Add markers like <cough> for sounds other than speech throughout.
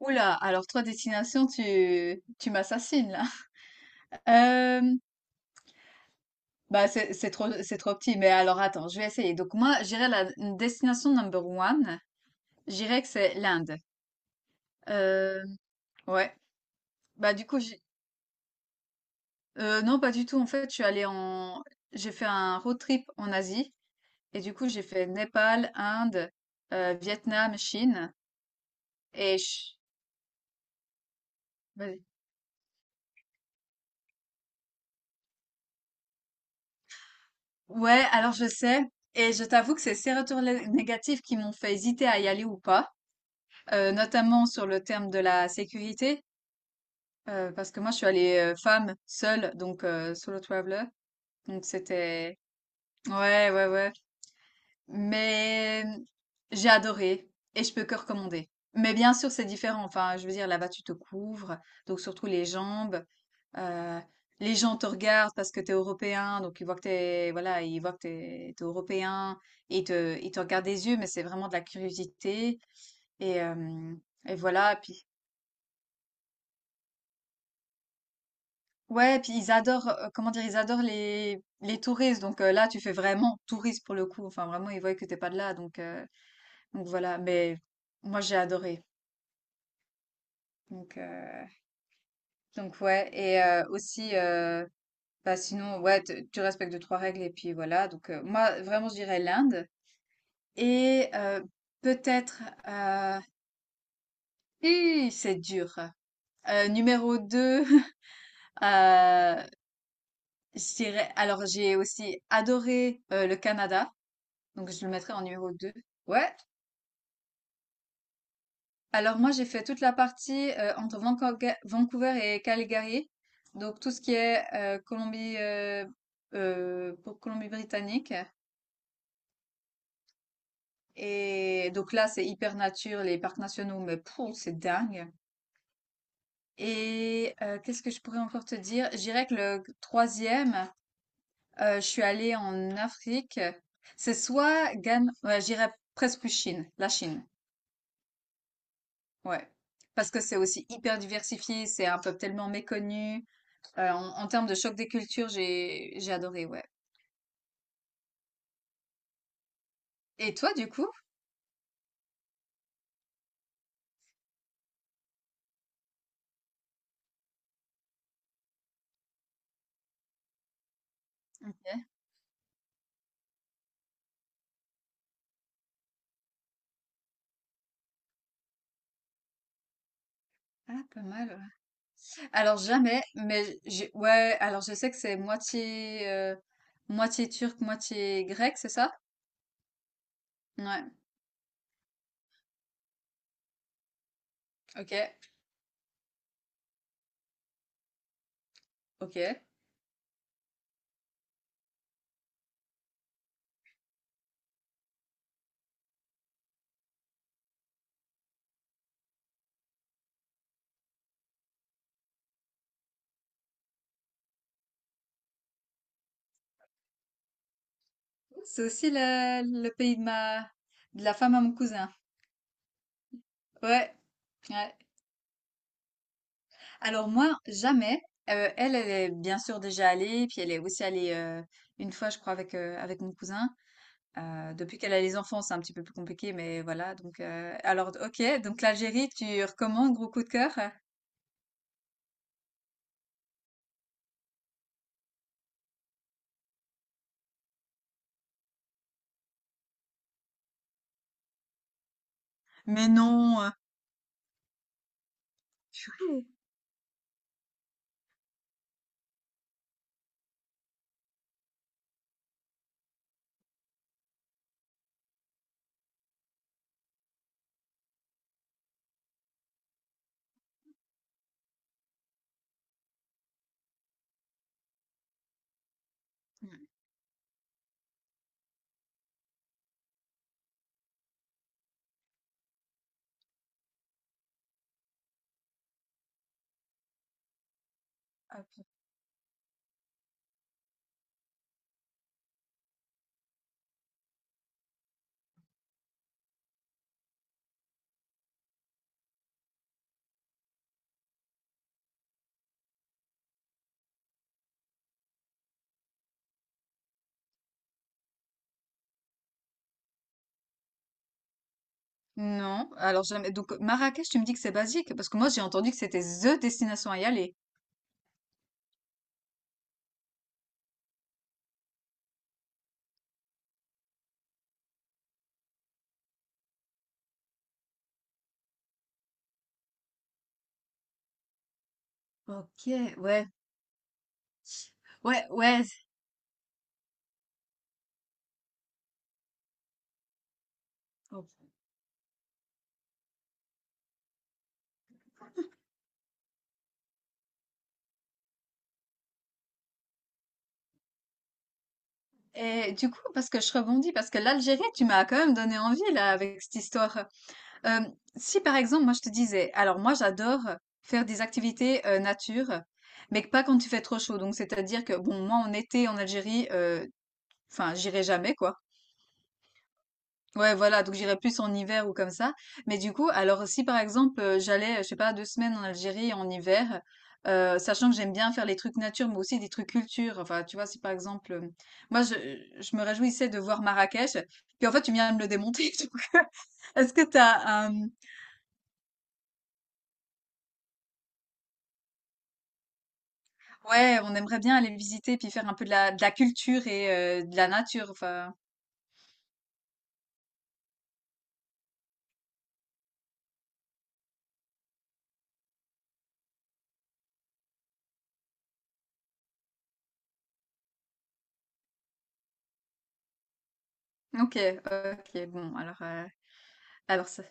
Oula, alors trois destinations, tu m'assassines là. Euh, bah c'est trop petit, mais alors attends, je vais essayer. Donc moi, j'irai la destination number one. J'irai que c'est l'Inde. Euh, ouais. Bah du coup, j'ai- non, pas du tout. En fait, je suis allée en, j'ai fait un road trip en Asie et du coup j'ai fait Népal, Inde, Vietnam, Chine et je- vas-y. Ouais, alors je sais. Et je t'avoue que c'est ces négatifs qui m'ont fait hésiter à y aller ou pas. Notamment sur le terme de la sécurité, parce que moi je suis allée femme seule, donc solo traveler, donc c'était ouais, ouais, ouais, mais mm, j'ai adoré et je peux que recommander. Mais bien sûr c'est différent, enfin je veux dire là-bas tu te couvres, donc surtout les jambes, euh, les gens te regardent parce que t'es européen, donc ils voient que t'es voilà ils voient que t'es européen et ils te regardent des yeux, mais c'est vraiment de la curiosité et euh, et voilà, puis ouais, puis ils adorent, ils adorent les touristes. Là, tu fais vraiment touriste pour le coup. Enfin, vraiment, ils voient que t'es pas de là. Donc voilà. Mais moi, j'ai adoré. Donc, euh, donc ouais. Et aussi sinon, ouais, tu respectes deux, trois règles. Et puis voilà. Moi, vraiment, je dirais l'Inde. Et euh, Peut-être, euh, hi, c'est dur. Numéro deux. <laughs> euh, je dirais, alors j'ai aussi adoré le Canada. Donc, je le mettrais en numéro 2. Ouais. Alors, moi, j'ai fait toute la partie entre Vancouver et Calgary. Donc, tout ce qui est Colombie-Britannique. Et donc là, c'est hyper nature, les parcs nationaux, mais pouh, c'est dingue. Qu'est-ce que je pourrais encore te dire? Je dirais que le troisième, je suis allée en Afrique. C'est soit Ghana, ouais, j'irais presque plus Chine, la Chine. Ouais. Parce que c'est aussi hyper diversifié, c'est un peuple tellement méconnu. En termes de choc des cultures, j'ai adoré, ouais. Et toi, du coup? Ah, pas mal, ouais. Alors jamais, ouais. Alors je sais que c'est moitié turc, moitié grec, c'est ça? Ouais. Ok. Ok. C'est aussi le pays de ma de la femme à mon cousin. Ouais. Ouais. Alors moi, jamais. Elle est bien sûr déjà allée, puis elle est aussi allée une fois, je crois, avec mon cousin. Depuis qu'elle a les enfants, c'est un petit peu plus compliqué, mais voilà. Alors, ok. Donc, l'Algérie, tu recommandes, gros coup de cœur? Mais non, ah, non. Alors, jamais. Donc, Marrakech, tu me dis que c'est basique, parce que moi, j'ai entendu que c'était the destination à y aller. Ok, ouais, ouais, ouais. Ok. Et du coup, parce que je rebondis, parce que l'Algérie, tu m'as quand même donné envie, là, avec cette histoire. Euh, si par exemple, moi je te disais, alors moi j'adore faire des activités nature, mais pas quand il fait trop chaud. Donc c'est-à-dire que bon, moi en été en Algérie, enfin j'irai jamais quoi. Ouais, voilà, donc j'irai plus en hiver ou comme ça. Mais du coup, alors si par exemple j'allais, je sais pas, deux semaines en Algérie en hiver, sachant que j'aime bien faire les trucs nature, mais aussi des trucs culture. Enfin, tu vois, si par exemple, moi je, je me réjouissais de voir Marrakech, puis en fait tu viens de me le démonter. <laughs> Donc, est-ce que t'as un Ouais, on aimerait bien aller visiter puis faire un peu de la culture et de la nature, enfin ok, ok, bon alors ça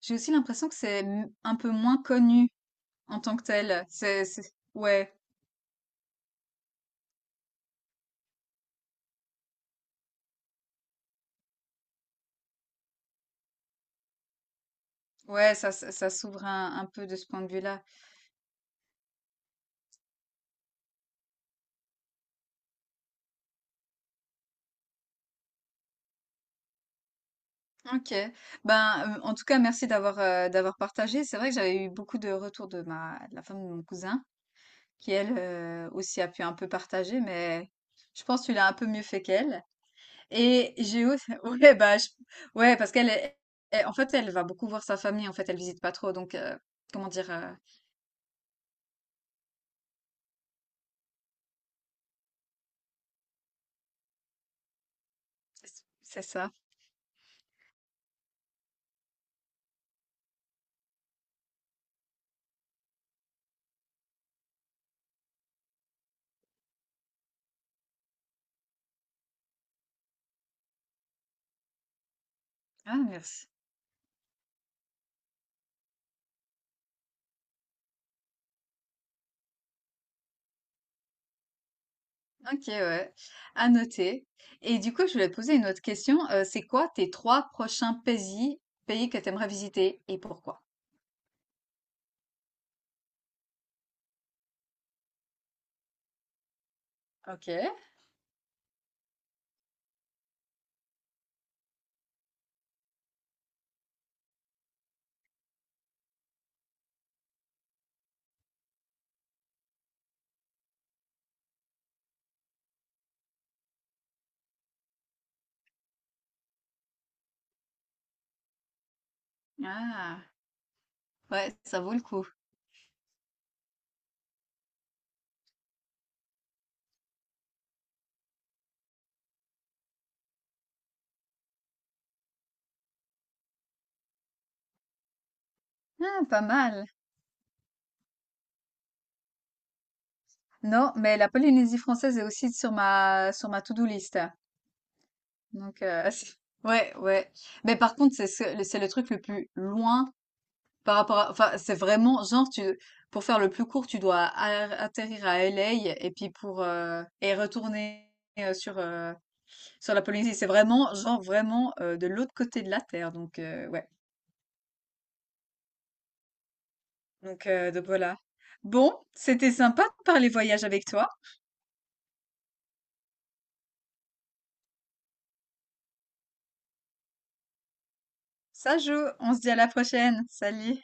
j'ai aussi l'impression que c'est m un peu moins connu en tant que tel. C'est ouais, ouais, ça s'ouvre un peu de ce point de vue-là. Ok. Ben, en tout cas merci d'avoir, d'avoir partagé. C'est vrai que j'avais eu beaucoup de retours de ma de la femme de mon cousin qui elle, aussi a pu un peu partager, mais je pense que tu l'as un peu mieux fait qu'elle. Et Géo, <laughs> ouais, ouais, parce qu'elle, en fait, elle va beaucoup voir sa famille. En fait, elle visite pas trop, comment dire, euh, c'est ça. Ah, merci. Ok, ouais, à noter. Et du coup, je voulais te poser une autre question. C'est quoi tes trois prochains pays, pays que tu aimerais visiter et pourquoi? Ok. Ah, ouais, ça vaut le coup. Ah, pas mal. Non, mais la Polynésie française est aussi sur ma to-do list. Donc, <laughs> ouais, ouais. Mais par contre, c'est le truc le plus loin par rapport à, enfin, c'est vraiment, genre, tu, pour faire le plus court, tu dois atterrir à LA et puis pour, et retourner euh, sur, euh, sur la Polynésie. C'est vraiment, genre, vraiment de l'autre côté de la Terre. Donc, ouais. Donc voilà. Bon, c'était sympa de parler voyage avec toi. Ça joue. On se dit à la prochaine. Salut.